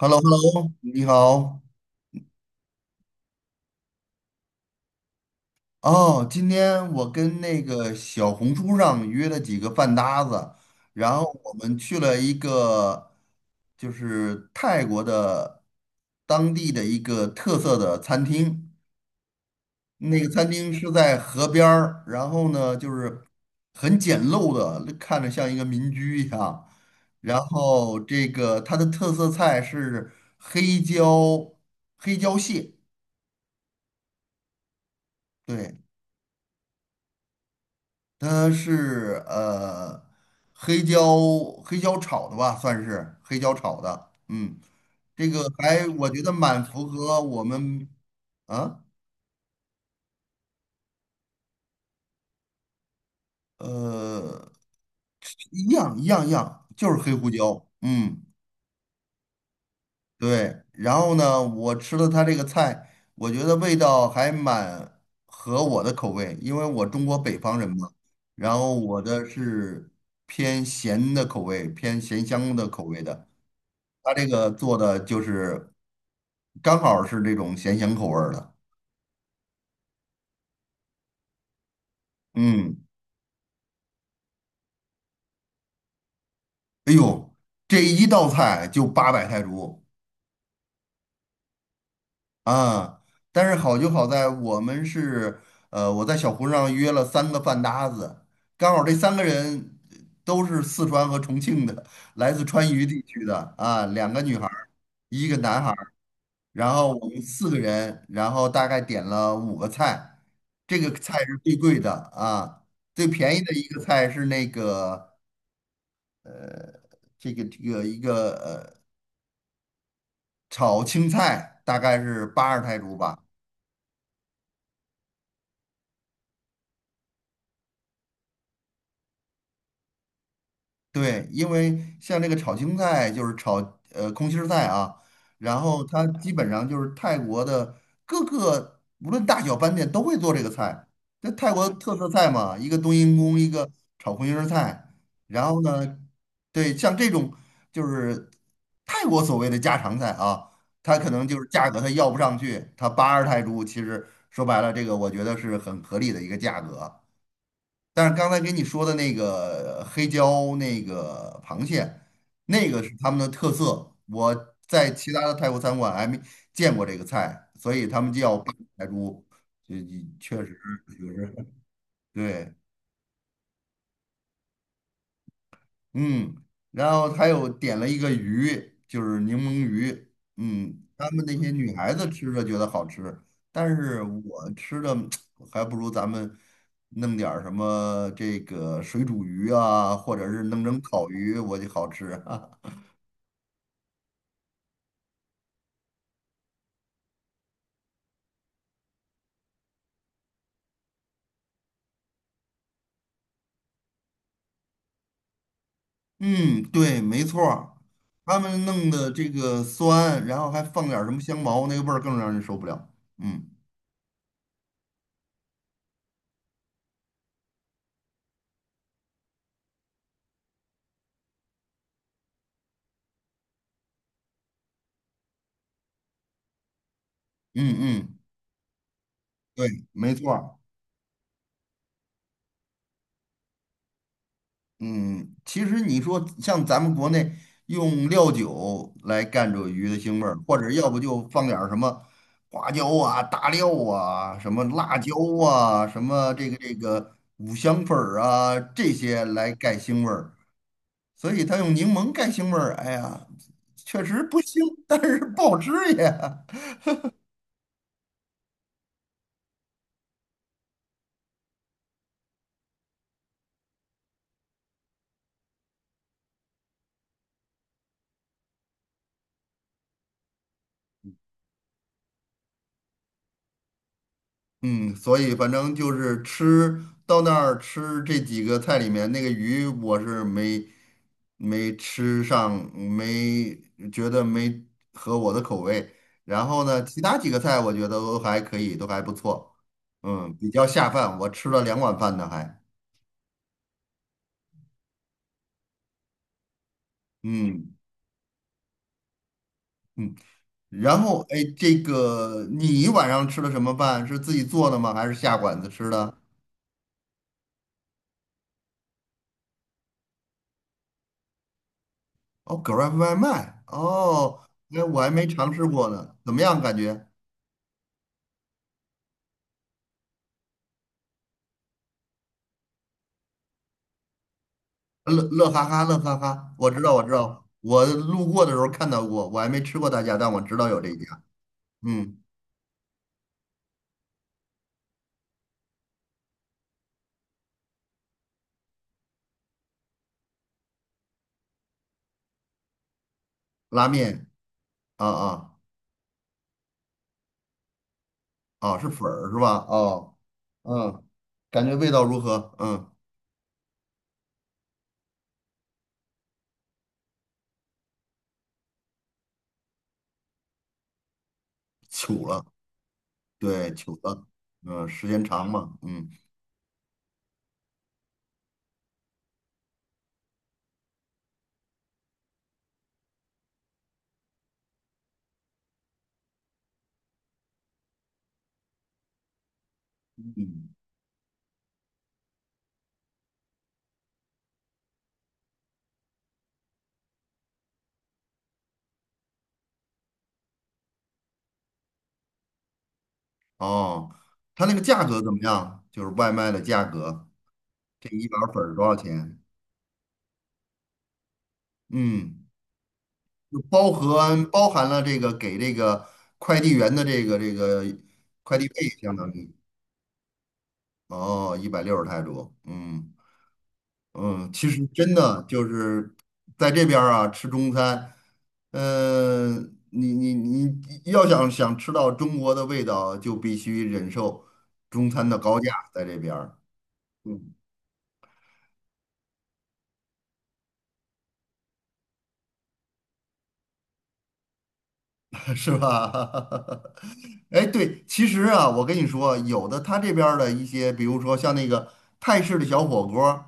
h e l l o h e l l o 你好。哦，今天我跟那个小红书上约了几个饭搭子，然后我们去了一个就是泰国的当地的一个特色的餐厅。那个餐厅是在河边儿，然后呢就是很简陋的，看着像一个民居一样。然后这个它的特色菜是黑椒黑椒蟹，对。它是黑椒黑椒炒的吧，算是黑椒炒的。嗯，这个还我觉得蛮符合我们。啊？呃一样一样一样，就是黑胡椒。嗯，对。然后呢，我吃了它这个菜，我觉得味道还蛮合我的口味，因为我中国北方人嘛，然后我的是偏咸的口味，偏咸香的口味的。他这个做的就是刚好是这种咸咸口味儿的。嗯，哎呦，这一道菜就800泰铢啊！但是好就好在我们是呃，我在小红书上约了三个饭搭子，刚好这三个人都是四川和重庆的，来自川渝地区的啊，两个女孩儿一个男孩。然后我们四个人，然后大概点了五个菜，这个菜是最贵的啊，最便宜的一个菜是那个这个一个炒青菜，大概是80泰铢吧。对，因为像这个炒青菜就是炒空心儿菜啊，然后它基本上就是泰国的各个无论大小饭店都会做这个菜。这泰国特色菜嘛，一个冬阴功，一个炒空心儿菜。然后呢，对，像这种就是泰国所谓的家常菜啊，它可能就是价格它要不上去，它82泰铢，其实说白了，这个我觉得是很合理的一个价格。但是刚才给你说的那个黑椒那个螃蟹，那个是他们的特色。我在其他的泰国餐馆还没见过这个菜，所以他们叫八珍海珠，这确实有时候对。嗯，然后他又点了一个鱼，就是柠檬鱼。嗯，他们那些女孩子吃着觉得好吃，但是我吃的 还不如咱们弄点儿什么这个水煮鱼啊，或者是弄成烤鱼，我就好吃。嗯，对，没错儿，他们弄的这个酸，然后还放点儿什么香茅，那个味儿更让人受不了。嗯嗯嗯，对，没错儿。嗯，其实你说像咱们国内用料酒来干这鱼的腥味儿，或者要不就放点儿什么花椒啊、大料啊、什么辣椒啊、什么这个五香粉儿啊这些来盖腥味儿，所以他用柠檬盖腥味儿，哎呀，确实不腥，但是不好吃呀。嗯，所以反正就是吃到那儿吃这几个菜里面那个鱼，我是没吃上，没觉得没合我的口味。然后呢，其他几个菜我觉得都还可以，都还不错。嗯，比较下饭，我吃了两碗饭呢还。嗯，然后哎，这个你晚上吃的什么饭？是自己做的吗？还是下馆子吃的？哦，Grab 外卖。哦，那我还没尝试过呢，怎么样感觉？乐乐哈哈，乐哈哈，我知道，我知道，我路过的时候看到过，我还没吃过他家，但我知道有这一家。嗯，拉面，啊啊啊，是粉儿是吧？哦，嗯，感觉味道如何？嗯，糗了，对，糗了，嗯，时间长嘛，嗯嗯，哦，它那个价格怎么样？就是外卖的价格，这一碗粉儿多少钱？嗯，就包含了这个给这个快递员的这个快递费，相当于。哦，160泰铢，嗯嗯，其实真的就是在这边儿啊吃中餐，你要想想吃到中国的味道，就必须忍受中餐的高价，在这边儿 是吧？哎，对，其实啊，我跟你说，有的他这边儿的一些，比如说像那个泰式的小火锅儿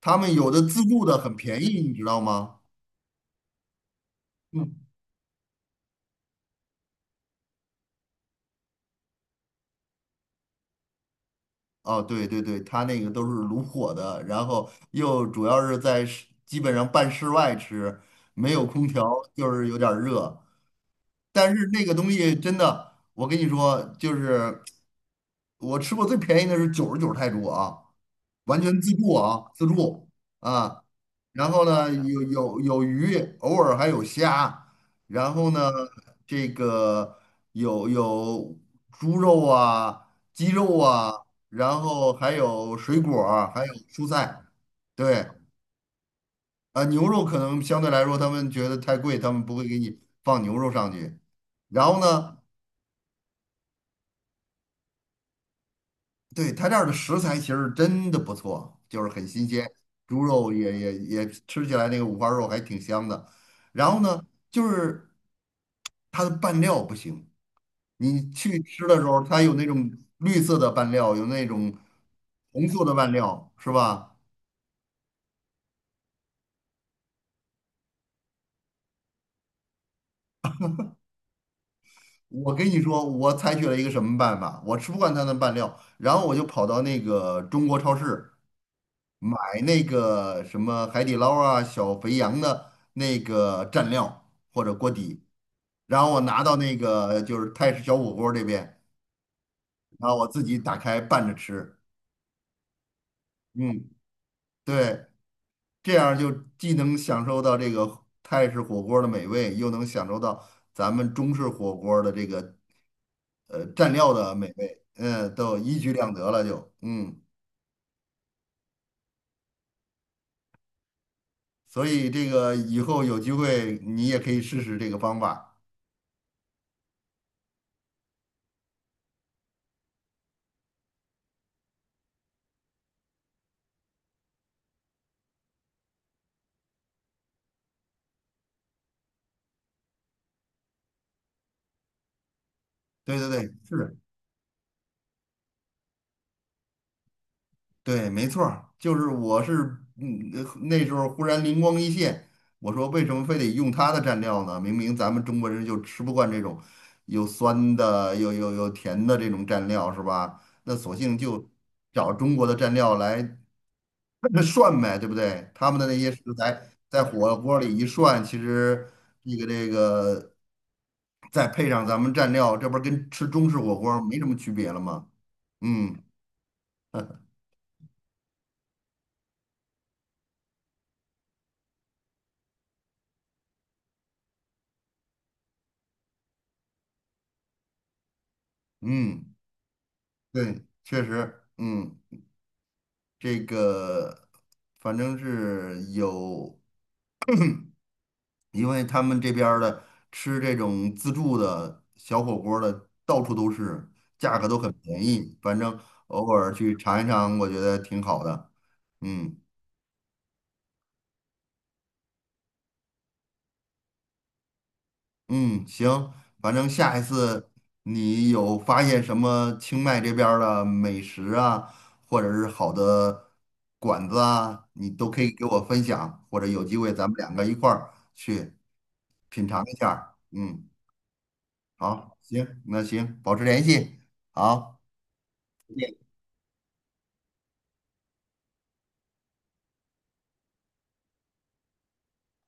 他们有的自助的很便宜，你知道吗？嗯。哦，对对对，它那个都是炉火的，然后又主要是在室基本上半室外吃，没有空调，就是有点儿热。但是那个东西真的，我跟你说，就是。我吃过最便宜的是99泰铢啊，完全自助啊，自助啊。然后呢，有鱼，偶尔还有虾。然后呢，这个有猪肉啊、鸡肉啊，然后还有水果儿还有蔬菜。对，啊，牛肉可能相对来说他们觉得太贵，他们不会给你放牛肉上去。然后呢？对，他这儿的食材其实真的不错，就是很新鲜，猪肉也吃起来那个五花肉还挺香的。然后呢，就是它的拌料不行，你去吃的时候，它有那种绿色的拌料，有那种红色的拌料，是吧？我跟你说，我采取了一个什么办法，我吃不惯它的拌料，然后我就跑到那个中国超市。买那个什么海底捞啊、小肥羊的那个蘸料或者锅底，然后我拿到那个就是泰式小火锅这边，然后我自己打开拌着吃。嗯，对，这样就既能享受到这个泰式火锅的美味，又能享受到咱们中式火锅的这个蘸料的美味，嗯，都一举两得了就，嗯，所以这个以后有机会你也可以试试这个方法。对对对，是。对，没错儿，就是我是，那时候忽然灵光一现，我说为什么非得用它的蘸料呢？明明咱们中国人就吃不惯这种有酸的、有甜的这种蘸料，是吧？那索性就找中国的蘸料来 涮呗，对不对？他们的那些食材在火锅里一涮，其实那个这个再配上咱们蘸料，这不是跟吃中式火锅没什么区别了吗？嗯嗯。对，确实，嗯，这个反正是有，因为他们这边儿的吃这种自助的小火锅儿的到处都是，价格都很便宜，反正偶尔去尝一尝，我觉得挺好的。嗯。嗯，行，反正下一次你有发现什么清迈这边儿的美食啊，或者是好的馆子啊，你都可以给我分享，或者有机会咱们两个一块儿去品尝一下儿嗯，好，行，那行，保持联系，好。再见。